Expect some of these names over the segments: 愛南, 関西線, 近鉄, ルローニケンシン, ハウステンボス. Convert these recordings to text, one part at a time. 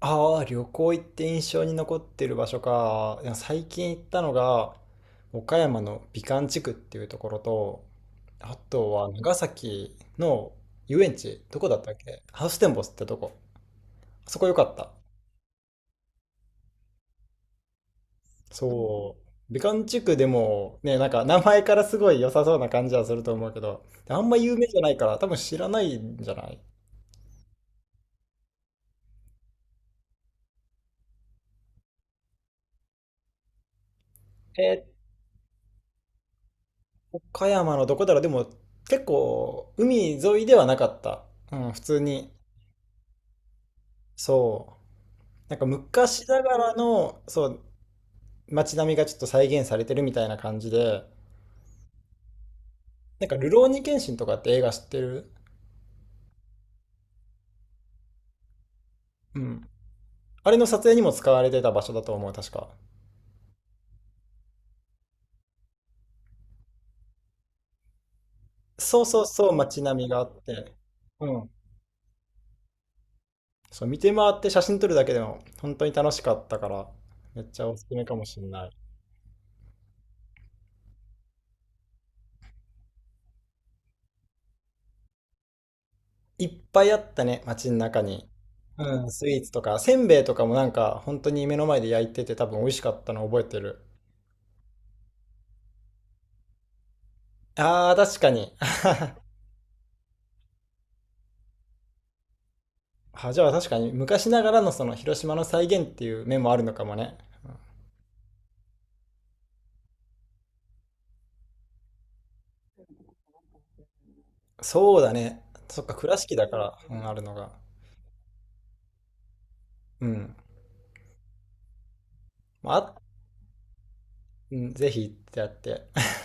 ああ、旅行行って印象に残ってる場所か。いや最近行ったのが、岡山の美観地区っていうところと、あとは長崎の遊園地、どこだったっけ、ハウステンボスってとこ。あそこ良かった。そう。美観地区でもね、なんか名前からすごい良さそうな感じはすると思うけど、あんま有名じゃないから多分知らないんじゃない？え岡山のどこだろう。でも結構海沿いではなかった。うん、普通に。そう。なんか昔ながらの、そう、街並みがちょっと再現されてるみたいな感じで、なんか、ルローニケンシンとかって映画知ってる？うん。あれの撮影にも使われてた場所だと思う、確か。そうそうそう、街並みがあって。うん。そう、見て回って写真撮るだけでも、本当に楽しかったから、めっちゃおすすめかもしんない。いっぱいあったね、街の中に。うん、スイーツとか、せんべいとかもなんか、本当に目の前で焼いてて多分美味しかったの覚えてる。あー、確かに。あ、じゃあ確かに昔ながらのその広島の再現っていう面もあるのかもね。そうだね。そっか、倉敷だから、うん、あるのが。うん。まあ、うん、ぜひ行ってやって。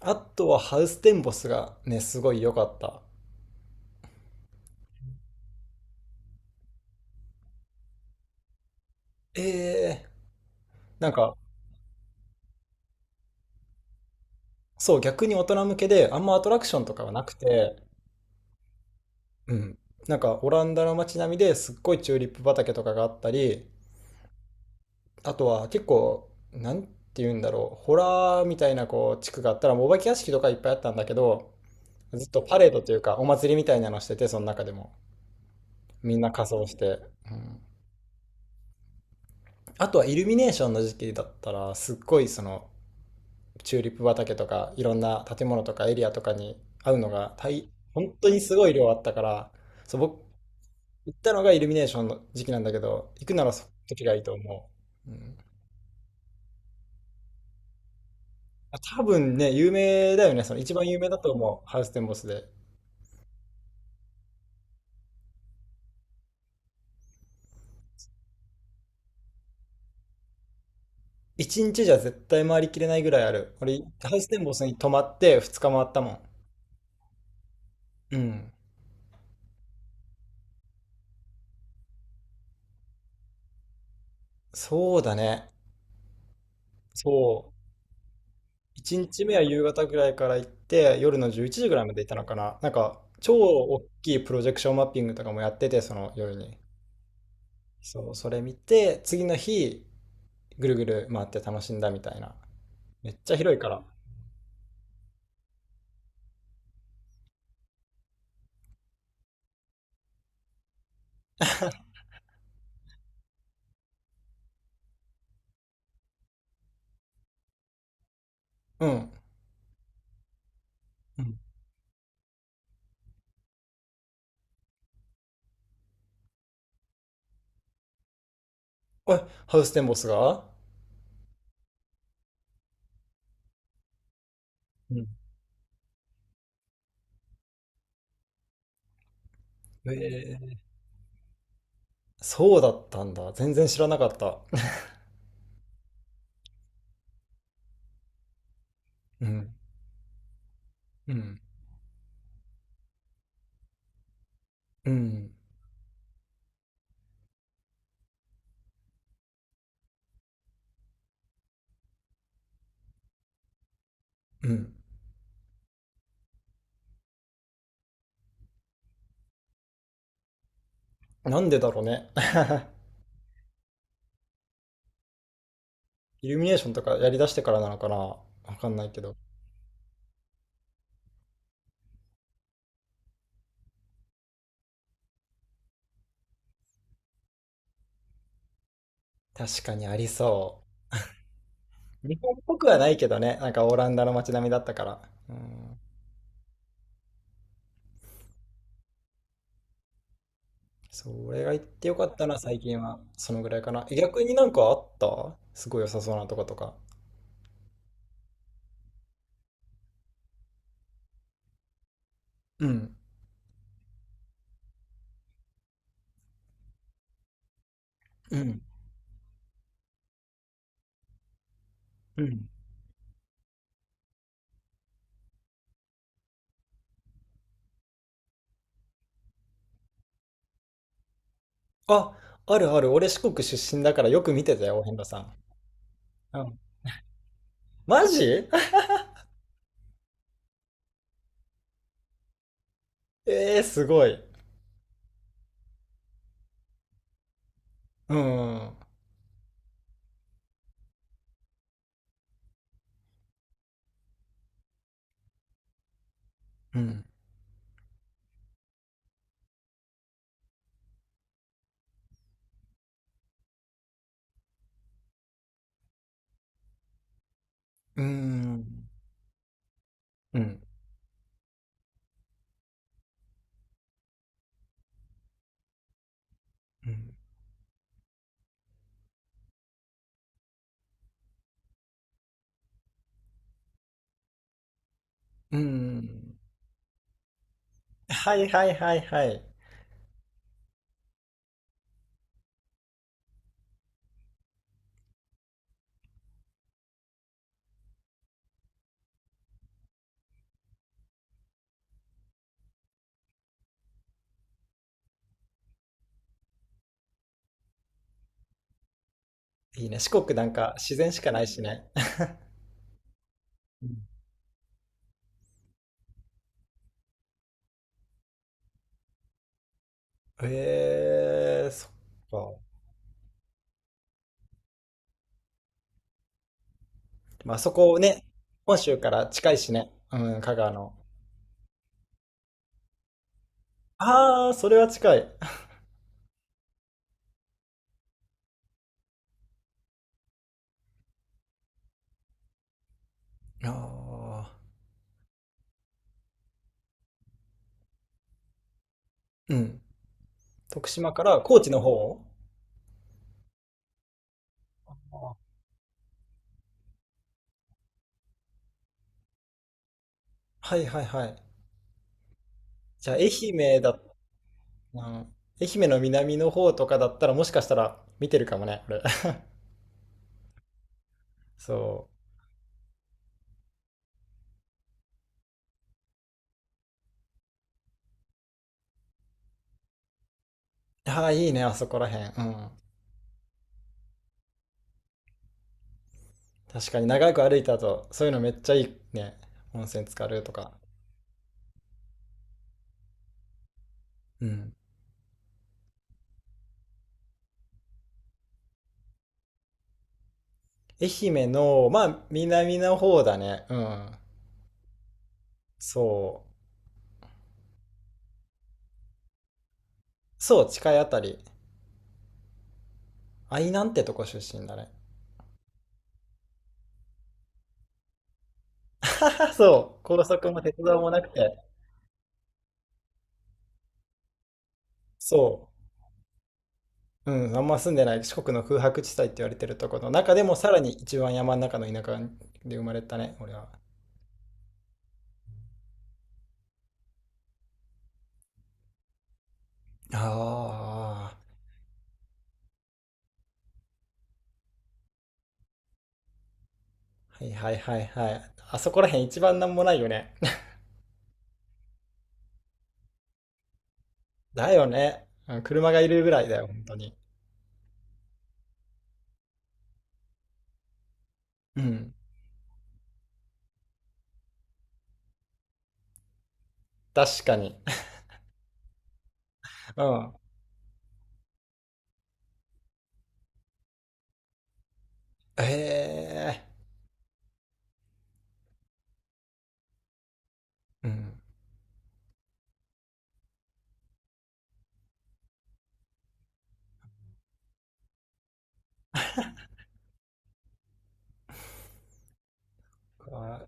あとはハウステンボスがね、すごい良かった。ええ、なんか、そう、逆に大人向けで、あんまアトラクションとかはなくて、うん。なんか、オランダの街並みですっごいチューリップ畑とかがあったり、あとは結構、なんて言うんだろう、ホラーみたいなこう地区があったら、もうお化け屋敷とかいっぱいあったんだけど、ずっとパレードというか、お祭りみたいなのしてて、その中でも。みんな仮装して。うん、あとはイルミネーションの時期だったら、すっごいその、チューリップ畑とか、いろんな建物とかエリアとかに会うのが本当にすごい量あったから、そう、僕、行ったのがイルミネーションの時期なんだけど、行くならその時がいいと思う。うん。あ、多分ね、有名だよね。その一番有名だと思う。ハウステンボスで。一日じゃ絶対回りきれないぐらいある。俺、ハウステンボスに泊まって二日回ったもん。うん。そうだね。そう。一日目は夕方ぐらいから行って、夜の11時ぐらいまで行ったのかな。なんか、超大きいプロジェクションマッピングとかもやってて、その夜に。そう、それ見て、次の日、ぐるぐる回って楽しんだみたいな。めっちゃ広いから。うん。うん。おい、ハウステンボスが。うん。え、そうだったんだ。全然知らなかった。うん。うん。うん。うん。なんでだろうね。イルミネーションとかやりだしてからなのかな。わかんないけど。確かにありそう。日本っぽくはないけどね。なんかオランダの街並みだったから。うん。それが行ってよかったな、最近は。そのぐらいかな。え、逆になんかあった、すごい良さそうなとことか。うん。うん。うん。あ、あるある。俺四国出身だからよく見てたよ、お遍路さん。うん。マジ？ えー、すごい。うん。うん。うん。うん。うん。はいはいはいはい。いいね。四国なんか自然しかないしね。うん。えー、そっか。まあそこね、本州から近いしね。うん、香川の。ああ、それは近い。ああ、うん。徳島から高知の方。はいはいはい。じゃあ愛媛だ、うん、愛媛の南の方とかだったらもしかしたら見てるかもね、俺。そう。ああ、いいね、あそこらへん。うん。確かに長く歩いた後、そういうのめっちゃいいね。温泉浸かるとか。うん。愛媛の、まあ、南の方だね。うん。そう。そう、近いあたり。愛南ってとこ出身だね。そう、高速も鉄道もなくて、そう、うん、あんま住んでない四国の空白地帯って言われてるところの中でもさらに一番山の中の田舎で生まれたね、俺は。ああ、はいはいはいはい。あそこら辺一番なんもないよね。だよね。うん、車がいるぐらいだよ、本当に。うん。確かに。うん。へえ。うん。あ、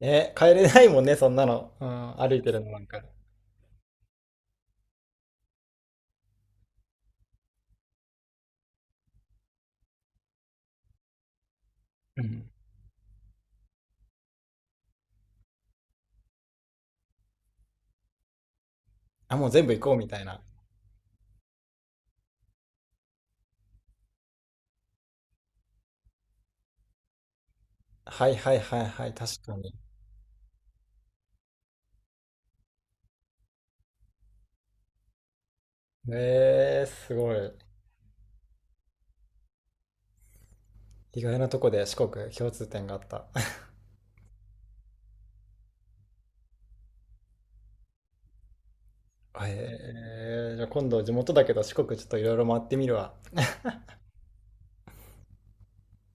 え、帰れないもんね、そんなの。うん、歩いてるのなんか。うん。あ、もう全部行こうみたいな。はいはいはいはい、確かに。へえー、すごい。意外なとこで四国共通点があった。へえー、じゃあ今度地元だけど四国ちょっといろいろ回ってみるわ。